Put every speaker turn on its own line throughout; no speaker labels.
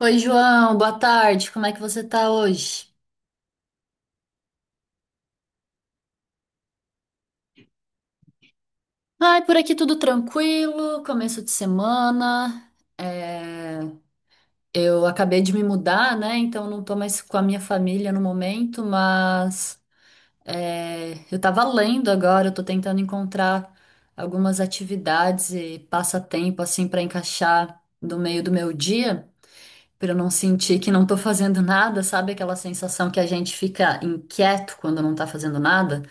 Oi, João, boa tarde. Como é que você tá hoje? Ai, por aqui tudo tranquilo, começo de semana. É, Eu acabei de me mudar, né? Então não tô mais com a minha família no momento, mas eu tava lendo agora, eu tô tentando encontrar algumas atividades e passatempo assim pra encaixar no meio do meu dia, pra eu não sentir que não tô fazendo nada, sabe? Aquela sensação que a gente fica inquieto quando não tá fazendo nada.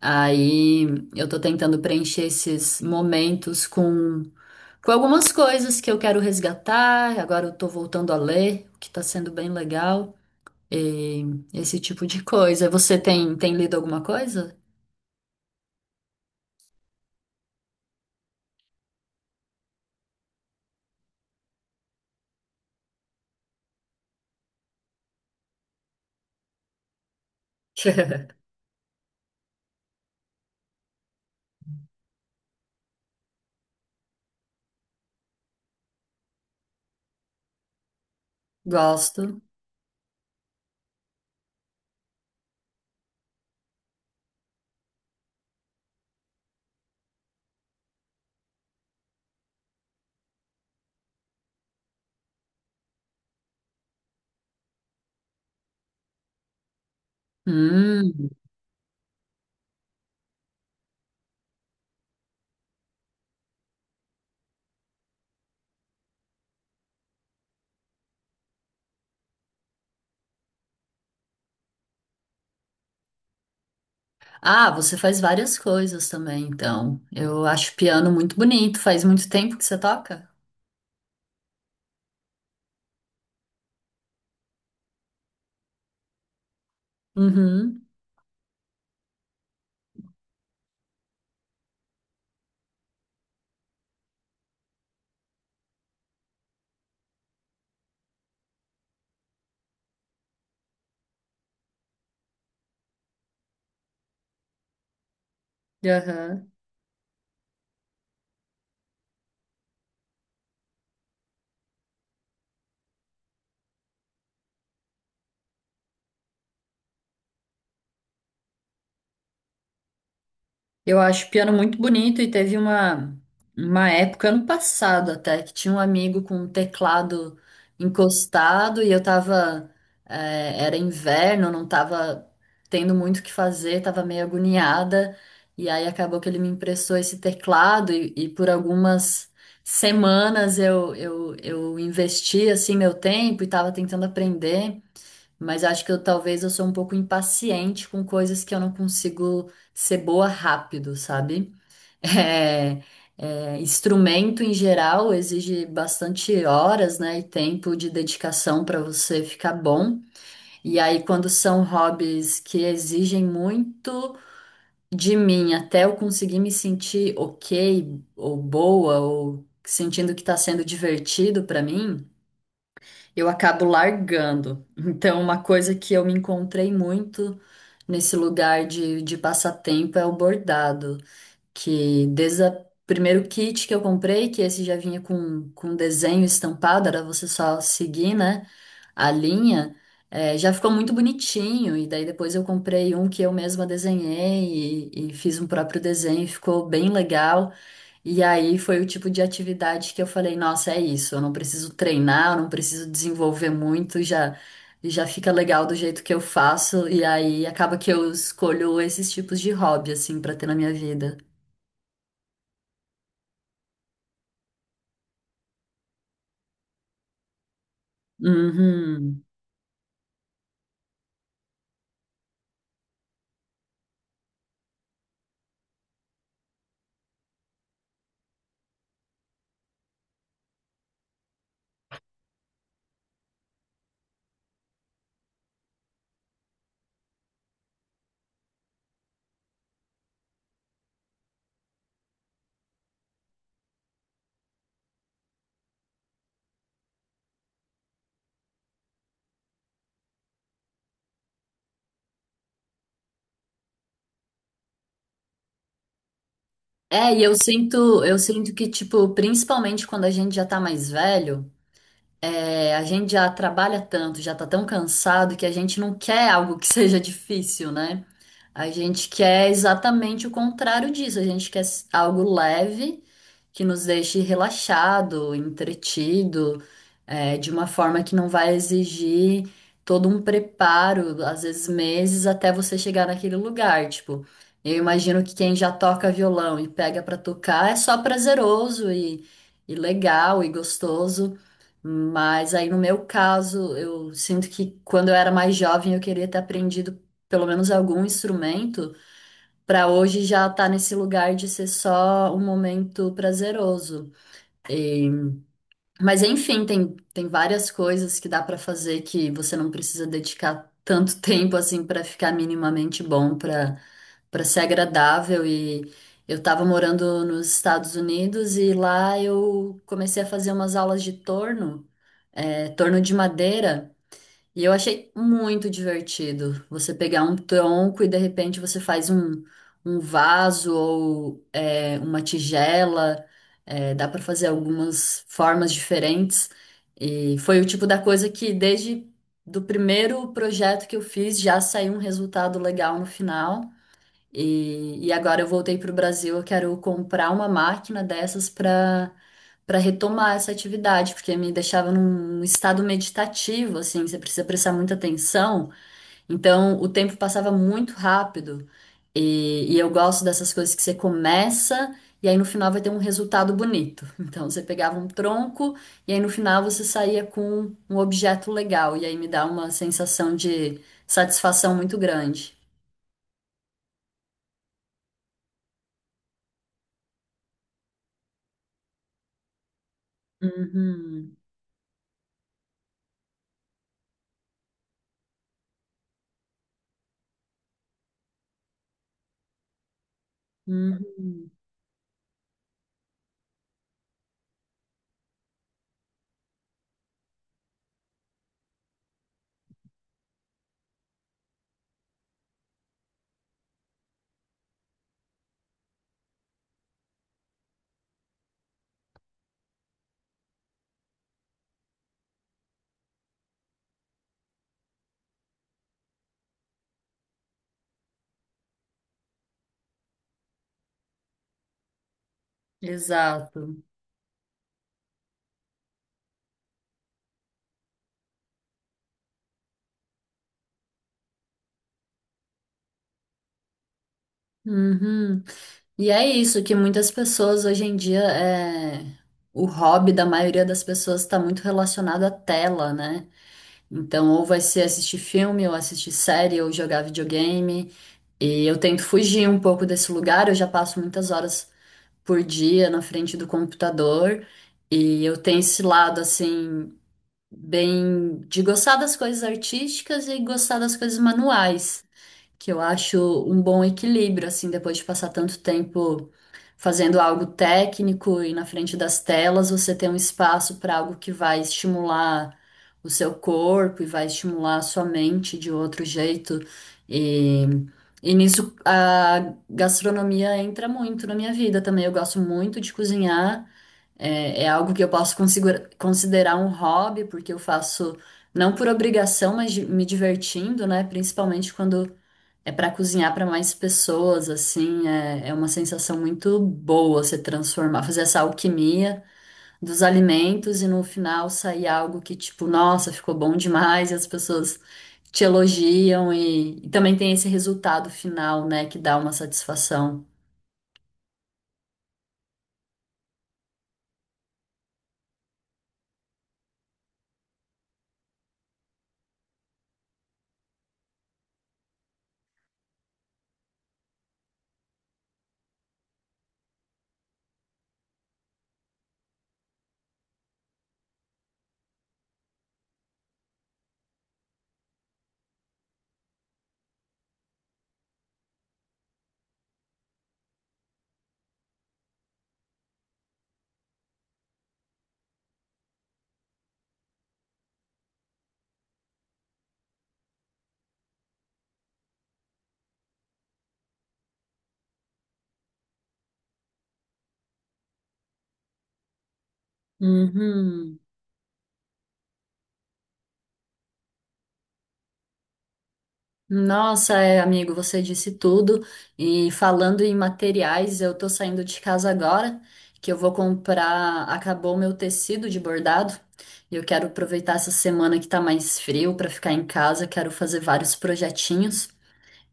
Aí eu tô tentando preencher esses momentos com algumas coisas que eu quero resgatar. Agora eu tô voltando a ler, o que tá sendo bem legal. E esse tipo de coisa. Você tem lido alguma coisa? Gosto. Hum. Ah, você faz várias coisas também, então. Eu acho piano muito bonito. Faz muito tempo que você toca? Uhum. Aham. Eu acho o piano muito bonito e teve uma época, ano passado até, que tinha um amigo com um teclado encostado e eu tava. Era inverno, não tava tendo muito o que fazer, tava meio agoniada. E aí acabou que ele me emprestou esse teclado e por algumas semanas eu investi assim meu tempo e tava tentando aprender. Mas acho que eu talvez eu sou um pouco impaciente com coisas que eu não consigo ser boa rápido, sabe? É, é, instrumento em geral exige bastante horas, né, e tempo de dedicação para você ficar bom. E aí, quando são hobbies que exigem muito de mim, até eu conseguir me sentir ok, ou boa, ou sentindo que está sendo divertido para mim eu acabo largando. Então, uma coisa que eu me encontrei muito nesse lugar de passatempo é o bordado, que desde o primeiro kit que eu comprei, que esse já vinha com desenho estampado, era você só seguir, né, a linha, já ficou muito bonitinho. E daí depois eu comprei um que eu mesma desenhei e fiz um próprio desenho, ficou bem legal. E aí foi o tipo de atividade que eu falei, nossa, é isso, eu não preciso treinar, eu não preciso desenvolver muito, já fica legal do jeito que eu faço, e aí acaba que eu escolho esses tipos de hobby assim pra ter na minha vida. Uhum. É, eu sinto que tipo, principalmente quando a gente já tá mais velho, é, a gente já trabalha tanto, já tá tão cansado que a gente não quer algo que seja difícil, né? A gente quer exatamente o contrário disso. A gente quer algo leve que nos deixe relaxado, entretido, de uma forma que não vai exigir todo um preparo, às vezes meses, até você chegar naquele lugar. Tipo, eu imagino que quem já toca violão e pega pra tocar é só prazeroso e legal e gostoso. Mas aí no meu caso, eu sinto que quando eu era mais jovem eu queria ter aprendido pelo menos algum instrumento, para hoje já tá nesse lugar de ser só um momento prazeroso. Mas enfim, tem várias coisas que dá para fazer que você não precisa dedicar tanto tempo assim para ficar minimamente bom, para ser agradável e eu tava morando nos Estados Unidos e lá eu comecei a fazer umas aulas de torno, é, torno de madeira. E eu achei muito divertido você pegar um tronco e de repente você faz um vaso ou é, uma tigela, é, dá para fazer algumas formas diferentes. E foi o tipo da coisa que desde do primeiro projeto que eu fiz já saiu um resultado legal no final. E agora eu voltei para o Brasil, eu quero comprar uma máquina dessas para retomar essa atividade, porque me deixava num estado meditativo, assim, você precisa prestar muita atenção. Então, o tempo passava muito rápido. E eu gosto dessas coisas que você começa e aí no final vai ter um resultado bonito. Então, você pegava um tronco e aí no final você saía com um objeto legal. E aí me dá uma sensação de satisfação muito grande. Uhum, uhum. Exato. Uhum. E é isso que muitas pessoas hoje em dia é o hobby da maioria das pessoas está muito relacionado à tela, né? Então, ou vai ser assistir filme, ou assistir série, ou jogar videogame. E eu tento fugir um pouco desse lugar, eu já passo muitas horas por dia na frente do computador, e eu tenho esse lado assim bem de gostar das coisas artísticas e gostar das coisas manuais. Que eu acho um bom equilíbrio, assim, depois de passar tanto tempo fazendo algo técnico e na frente das telas, você ter um espaço para algo que vai estimular o seu corpo e vai estimular a sua mente de outro jeito. E, e nisso a gastronomia entra muito na minha vida também. Eu gosto muito de cozinhar. É, é algo que eu posso considerar um hobby, porque eu faço não por obrigação, mas me divertindo, né? Principalmente quando é para cozinhar para mais pessoas, assim, é, é uma sensação muito boa você transformar, fazer essa alquimia dos alimentos e no final sair algo que, tipo, nossa, ficou bom demais e as pessoas te elogiam e também tem esse resultado final, né, que dá uma satisfação. Uhum. Nossa, é, amigo, você disse tudo. E falando em materiais, eu tô saindo de casa agora, que eu vou comprar. Acabou o meu tecido de bordado. E eu quero aproveitar essa semana que tá mais frio pra ficar em casa. Quero fazer vários projetinhos.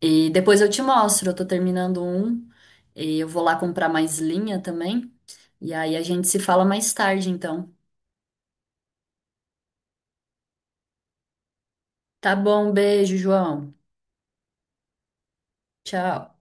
E depois eu te mostro. Eu tô terminando um. E eu vou lá comprar mais linha também. E aí a gente se fala mais tarde, então. Tá bom, beijo, João. Tchau.